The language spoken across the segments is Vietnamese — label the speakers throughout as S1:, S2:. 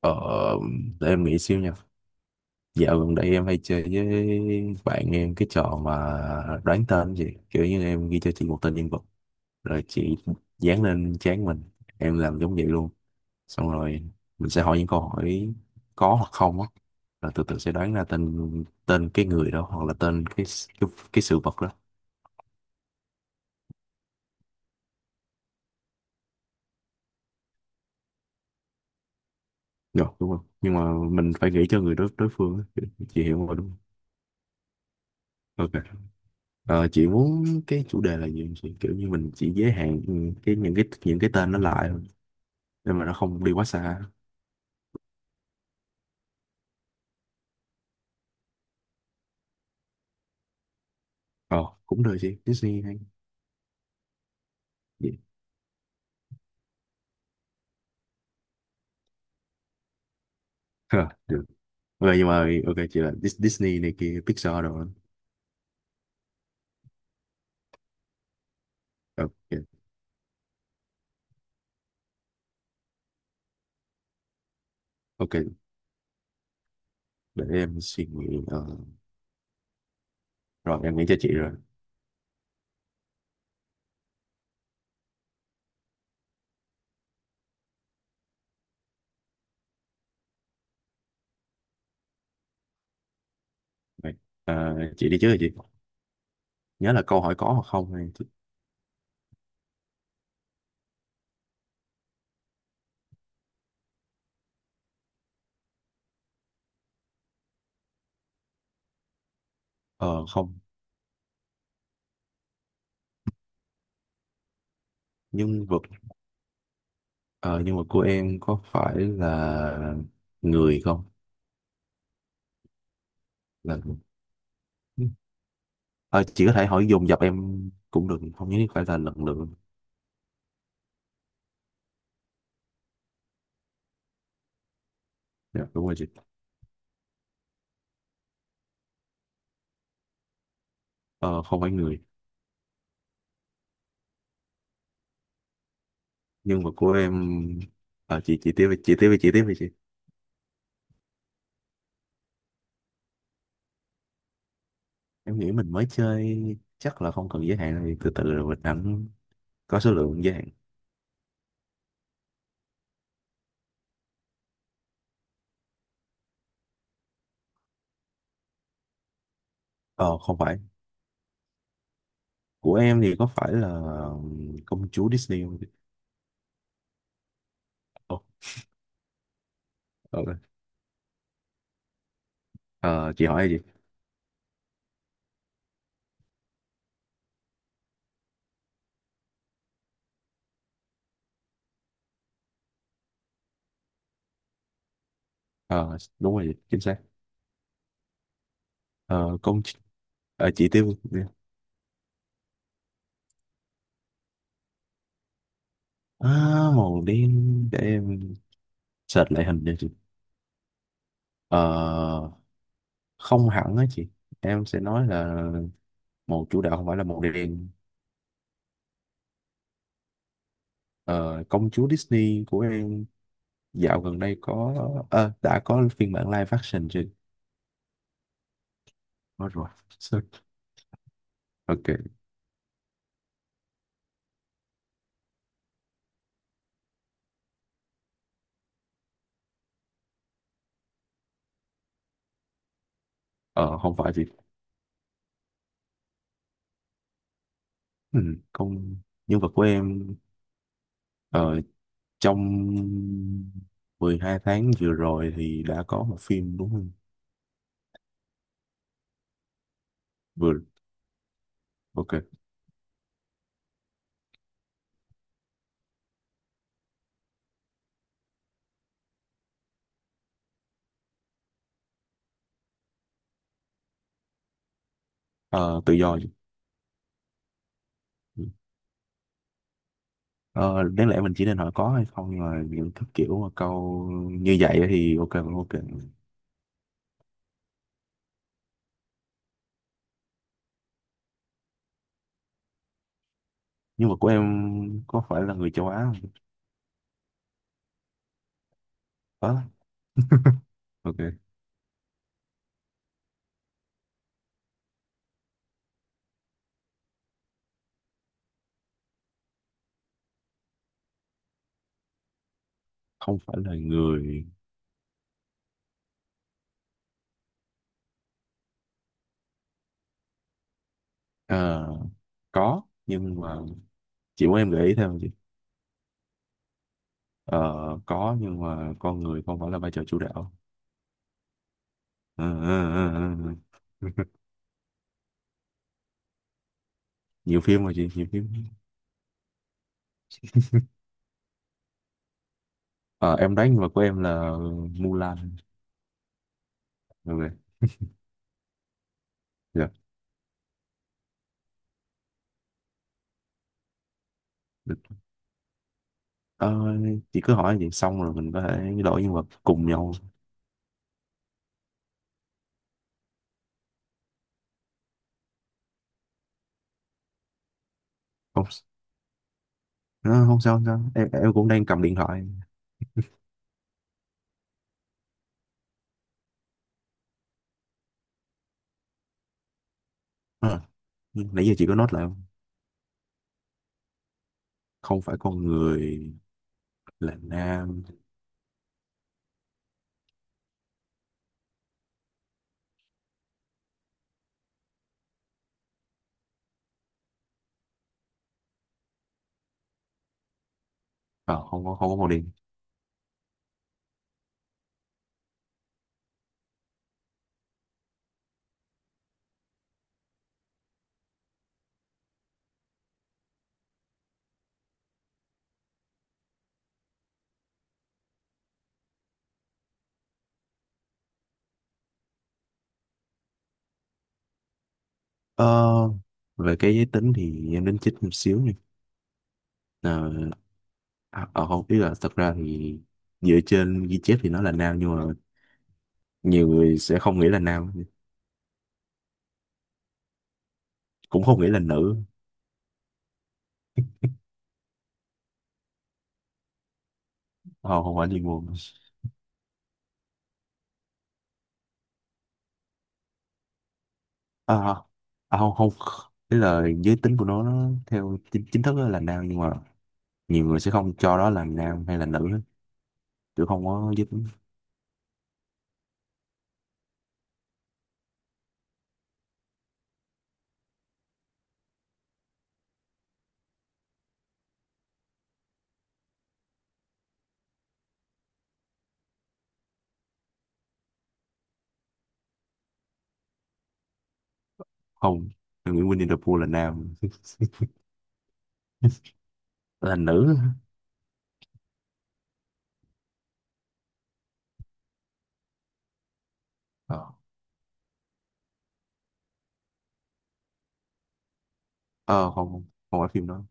S1: Ờ, để em nghĩ xíu nha. Dạo gần đây em hay chơi với bạn em cái trò mà đoán tên gì. Kiểu như em ghi cho chị một tên nhân vật. Rồi chị dán lên trán mình. Em làm giống vậy luôn. Xong rồi mình sẽ hỏi những câu hỏi có hoặc không á. Rồi từ từ sẽ đoán ra tên tên cái người đó hoặc là tên cái sự vật đó. Rồi, đúng không? Nhưng mà mình phải nghĩ cho người đối đối phương á. Chị hiểu rồi đúng không? Ok. Chị muốn cái chủ đề là gì, chị kiểu như mình chỉ giới hạn cái những cái những cái tên nó lại thôi, nhưng mà nó không đi quá xa. ờ Cũng được chị, Disney hay gì. Ờ, Được, ok, nhưng mà ok, chị là Disney này kia, Pixar đồ đó. Ờ, ok, ok, để em suy nghĩ. Ờ, Rồi em nghĩ cho chị rồi. Vậy, chị đi trước rồi chị nhớ là câu hỏi có hoặc không hay ờ không. Nhân vật. Ờ, Nhân vật của em có phải là người không? Là người. Ờ, chị có thể hỏi dồn dập em cũng được, không nhất thiết phải là lần lượt. Dạ, đúng rồi chị. Ờ, Không phải người. Nhưng mà của em. Chị tiếp đi, chị tiếp đi, chị tiếp đi chị. Em nghĩ mình mới chơi, chắc là không cần giới hạn, thì từ từ rồi mình hẳn có số lượng giới hạn. Ờ Không phải. Của em thì có phải là công chúa Disney không chị? Ồ, ờ, ờ, chị hỏi gì? Ờ, Đúng rồi chị, chính xác. ờ, công ch- chị tiếp đi. À, màu đen, để em search lại hình cho chị. ờ Không hẳn á chị, em sẽ nói là màu chủ đạo không phải là màu đen. Ờ, Công chúa Disney của em dạo gần đây có, đã có phiên bản live action chưa? Có rồi. Sorry. Ok. Ờ, Không phải chị. ừ, Công, nhân vật của em, ờ, trong 12 tháng vừa rồi thì đã có một phim đúng không? Vừa. Ok. Ờ, tự do chị. Ờ, đáng lẽ mình chỉ nên hỏi có hay không, nhưng mà những thứ kiểu mà câu như vậy thì ok, cũng ok. Nhưng mà của em có phải là người châu Á không? Có. Ok. Không phải là người. ờ, có, nhưng mà chị muốn em gợi ý thêm không chị? Ờ, có, nhưng mà con người không phải là vai trò chủ đạo. Ờ, ờ, ờ, ờ, ờ. Nhiều phim mà chị, nhiều phim. Ờ, em đoán, nhưng mà của em là Mulan. Ok. Dạ. Được. Ờ, chị cứ hỏi vậy, xong rồi mình có thể đổi nhân vật cùng nhau. Không, ờ, không sao không sao. Em cũng đang cầm điện thoại. Ờ, nãy giờ chị có note lại không? Không phải con người, là nam, và không có, không có màu đen. ờ, Về cái giới tính thì em đến chích một xíu nha. ờ, Không, ý là thật ra thì dựa trên ghi chép thì nó là nam, nhưng mà nhiều người sẽ không nghĩ là nam, cũng không nghĩ là nữ. Ờ, không không phải liên quan. à, Không không, ý là giới tính của nó theo chính thức là nam, nhưng mà nhiều người sẽ không cho đó là nam hay là nữ hết, chứ không có giới tính. Không. Em nghĩ Winnie the Pooh là nam. Là nữ. Ờ, Ờ, không, không phải phim đó.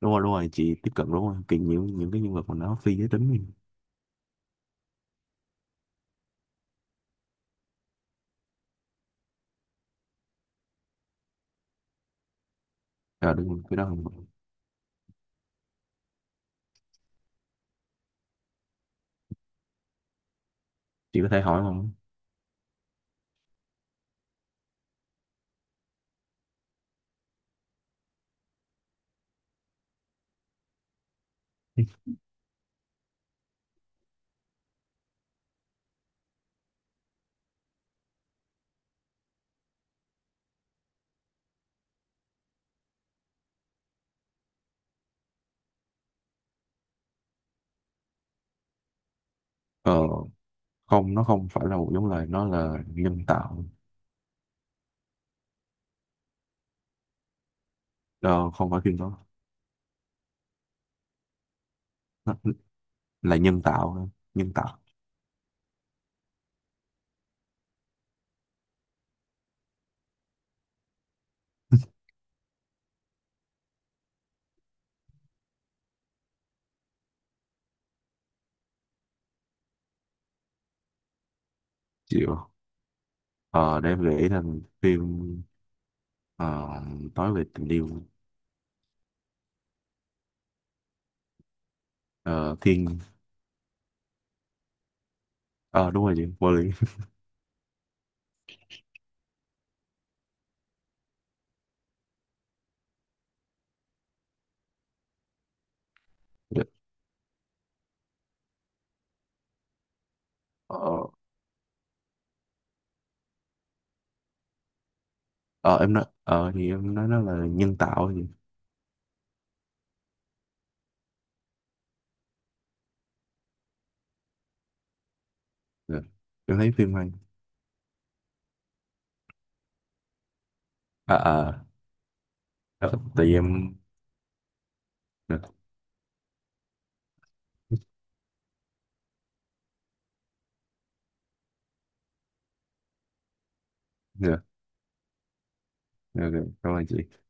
S1: Đúng rồi, đúng rồi, chị tiếp cận đúng rồi, kiểu nhiều những cái nhân vật mà nó phi giới tính ấy. À đúng rồi cái đó chị có thể hỏi không? ờ Không, nó không phải là một giống loài, nó là nhân tạo. Ờ, không phải phim đó. Nó là nhân tạo. Chịu. Ờ để em nghĩ thành phim, ờ, nói về tình yêu. Ờ, Thiên. Ờ đúng rồi chị, vô lý. ờ, ờ, em nói, thì em nói nó là nhân tạo gì. Dạ. Em thấy phim hay. à à ờ, Tại vì em. Dạ. Dạ. Dạ, dạ, cảm ơn chị.